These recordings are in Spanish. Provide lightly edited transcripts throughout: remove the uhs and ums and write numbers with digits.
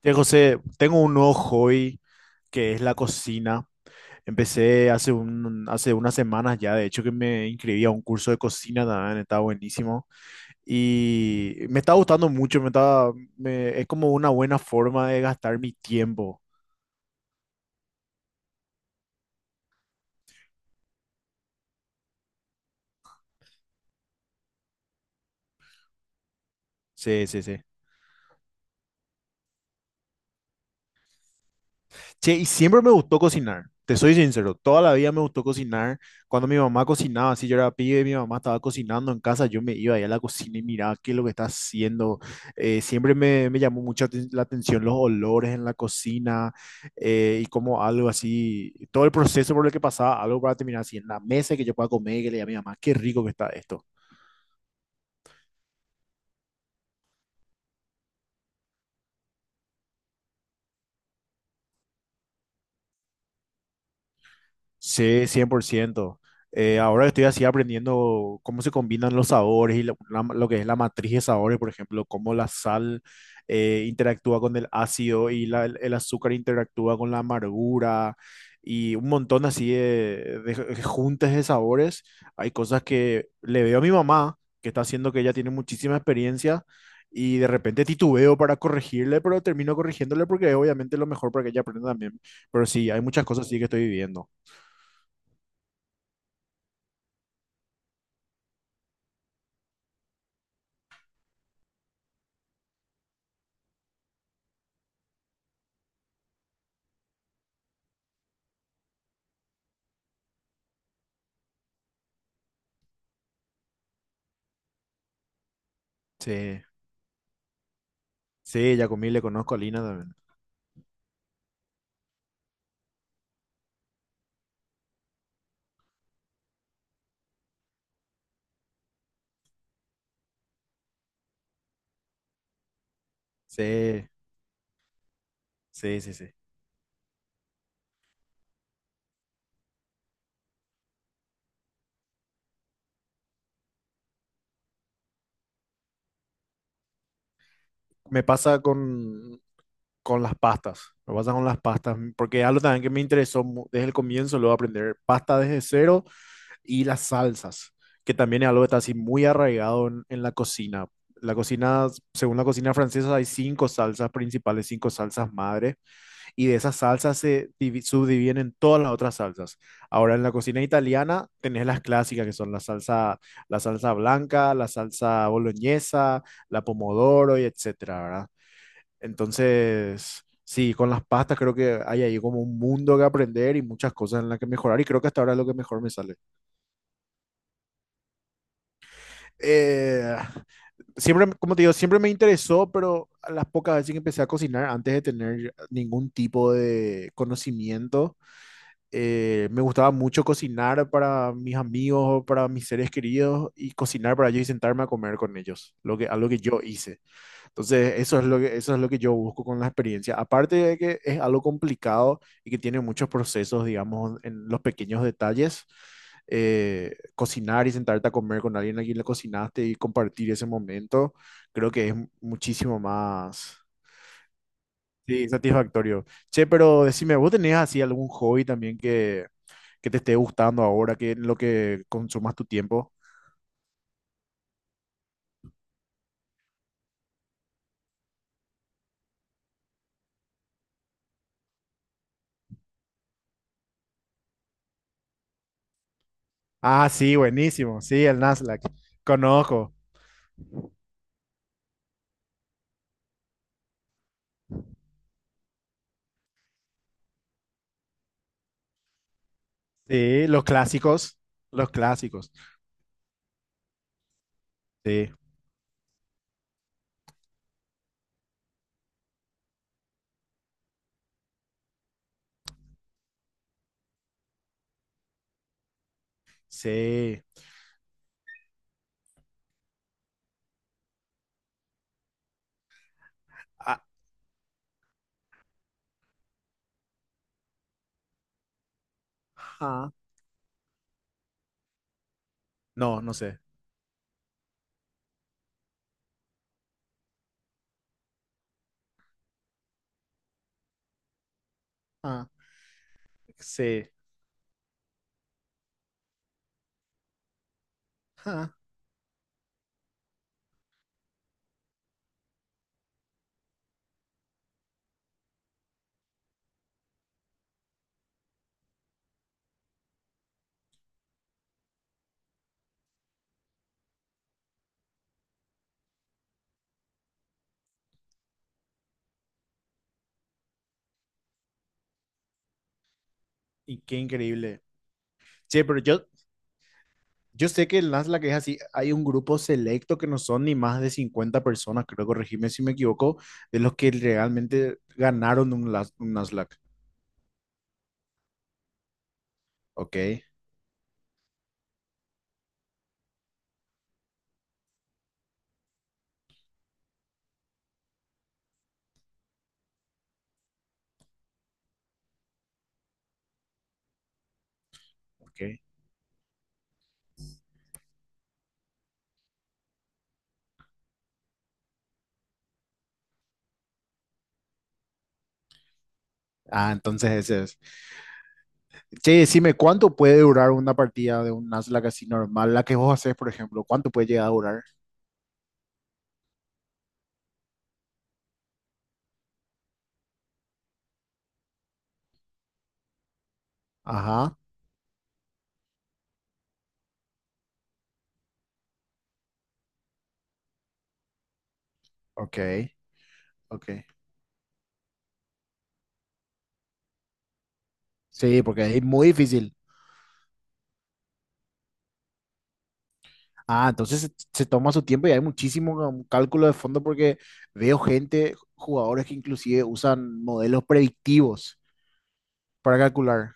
Che, José, tengo un nuevo hobby que es la cocina. Empecé hace unas semanas ya, de hecho que me inscribí a un curso de cocina también, está buenísimo. Y me está gustando mucho, es como una buena forma de gastar mi tiempo. Sí, sí, sí. Che, y siempre me gustó cocinar, te soy sincero, toda la vida me gustó cocinar. Cuando mi mamá cocinaba, si yo era pibe, mi mamá estaba cocinando en casa, yo me iba ahí a la cocina y miraba qué es lo que está haciendo. Siempre me llamó mucho la atención los olores en la cocina, y como algo así, todo el proceso por el que pasaba, algo para terminar así en la mesa y que yo pueda comer y que le diga a mi mamá, qué rico que está esto. Sí, 100%. Ahora estoy así aprendiendo cómo se combinan los sabores y lo que es la matriz de sabores, por ejemplo, cómo la sal interactúa con el ácido y el azúcar interactúa con la amargura y un montón así de juntes de sabores. Hay cosas que le veo a mi mamá, que está haciendo, que ella tiene muchísima experiencia y de repente titubeo para corregirle, pero termino corrigiéndole porque es obviamente lo mejor para que ella aprenda también. Pero sí, hay muchas cosas sí que estoy viviendo. Sí, sí, Yacomí le conozco a Lina también. Sí, sí, sí, sí. Me pasa con las pastas. Me pasa con las pastas, porque algo también que me interesó desde el comienzo, luego aprender pasta desde cero y las salsas, que también es algo que está así muy arraigado en la cocina. La cocina, según la cocina francesa, hay cinco salsas principales, cinco salsas madres. Y de esas salsas se subdividen en todas las otras salsas. Ahora en la cocina italiana tenés las clásicas que son la salsa blanca, la salsa boloñesa, la pomodoro y etcétera, ¿verdad? Entonces, sí, con las pastas creo que hay ahí como un mundo que aprender y muchas cosas en las que mejorar, y creo que hasta ahora es lo que mejor me sale. Eh, Siempre, como te digo, siempre me interesó, pero a las pocas veces que empecé a cocinar antes de tener ningún tipo de conocimiento, me gustaba mucho cocinar para mis amigos o para mis seres queridos y cocinar para ellos y sentarme a comer con ellos, lo que, algo que yo hice. Entonces, eso es lo que yo busco con la experiencia. Aparte de que es algo complicado y que tiene muchos procesos, digamos, en los pequeños detalles, cocinar y sentarte a comer con alguien a quien le cocinaste y compartir ese momento, creo que es muchísimo más... Sí, satisfactorio. Che, pero decime, ¿vos tenés así algún hobby también que te esté gustando ahora, que en lo que consumas tu tiempo? Ah, sí, buenísimo. Sí, el Nasdaq. Conozco. Sí, los clásicos. Los clásicos. Sí, sí. Ah, ajá. No, no sé. Ah, sí. Ah, y qué increíble. Sí, pero yo sé que el Nasdaq es así. Hay un grupo selecto que no son ni más de 50 personas, creo, corregime si me equivoco, de los que realmente ganaron un, un Nasdaq. Ok, ok. Ah, entonces ese es. Che, decime, ¿cuánto puede durar una partida de un Nuzlocke así normal? La que vos haces, por ejemplo, ¿cuánto puede llegar a durar? Ajá, ok, ok. Sí, porque es muy difícil. Ah, entonces se toma su tiempo y hay muchísimo cálculo de fondo porque veo gente, jugadores que inclusive usan modelos predictivos para calcular.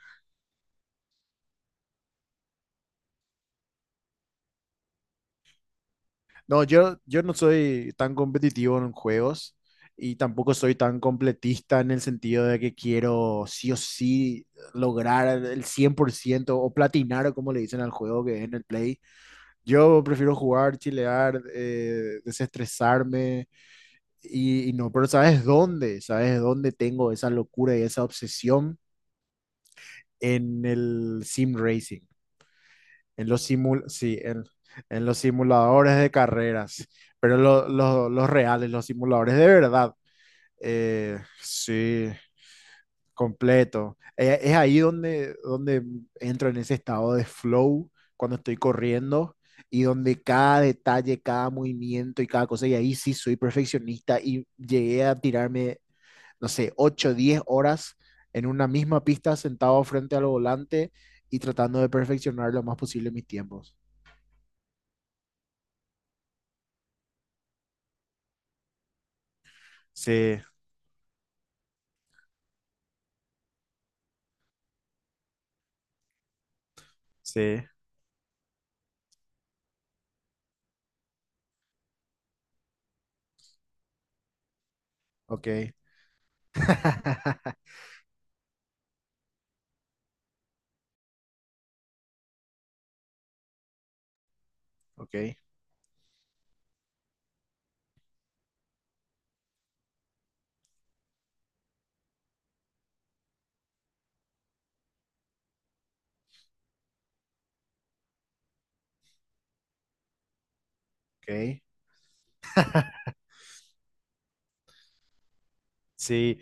No, yo no soy tan competitivo en juegos y tampoco soy tan completista en el sentido de que quiero sí o sí lograr el 100% o platinar, o como le dicen al juego que es en el Play. Yo prefiero jugar, chilear, desestresarme y no, pero ¿sabes dónde? ¿Sabes dónde tengo esa locura y esa obsesión? En el sim racing. en los simul sí, en, en los simuladores de carreras, pero los reales, los simuladores de verdad, sí, completo. Es ahí donde entro en ese estado de flow cuando estoy corriendo, y donde cada detalle, cada movimiento y cada cosa, y ahí sí soy perfeccionista y llegué a tirarme, no sé, 8 10 horas en una misma pista sentado frente al volante y tratando de perfeccionar lo más posible mis tiempos. Sí, sí, Ok. Ok, ok. Sí,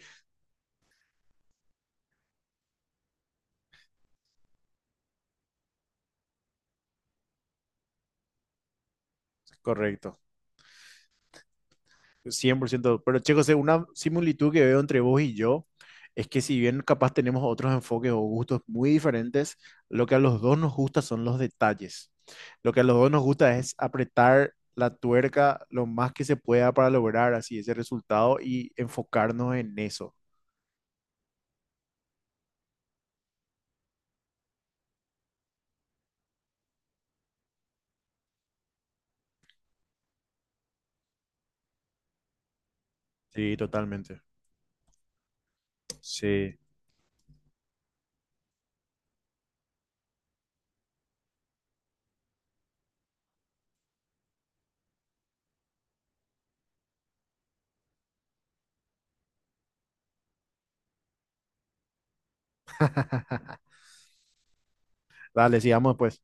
correcto. Cien por ciento. Pero, che, José, una similitud que veo entre vos y yo es que, si bien capaz tenemos otros enfoques o gustos muy diferentes, lo que a los dos nos gusta son los detalles. Lo que a los dos nos gusta es apretar la tuerca lo más que se pueda para lograr así ese resultado y enfocarnos en eso. Sí, totalmente. Sí. Dale, sigamos después.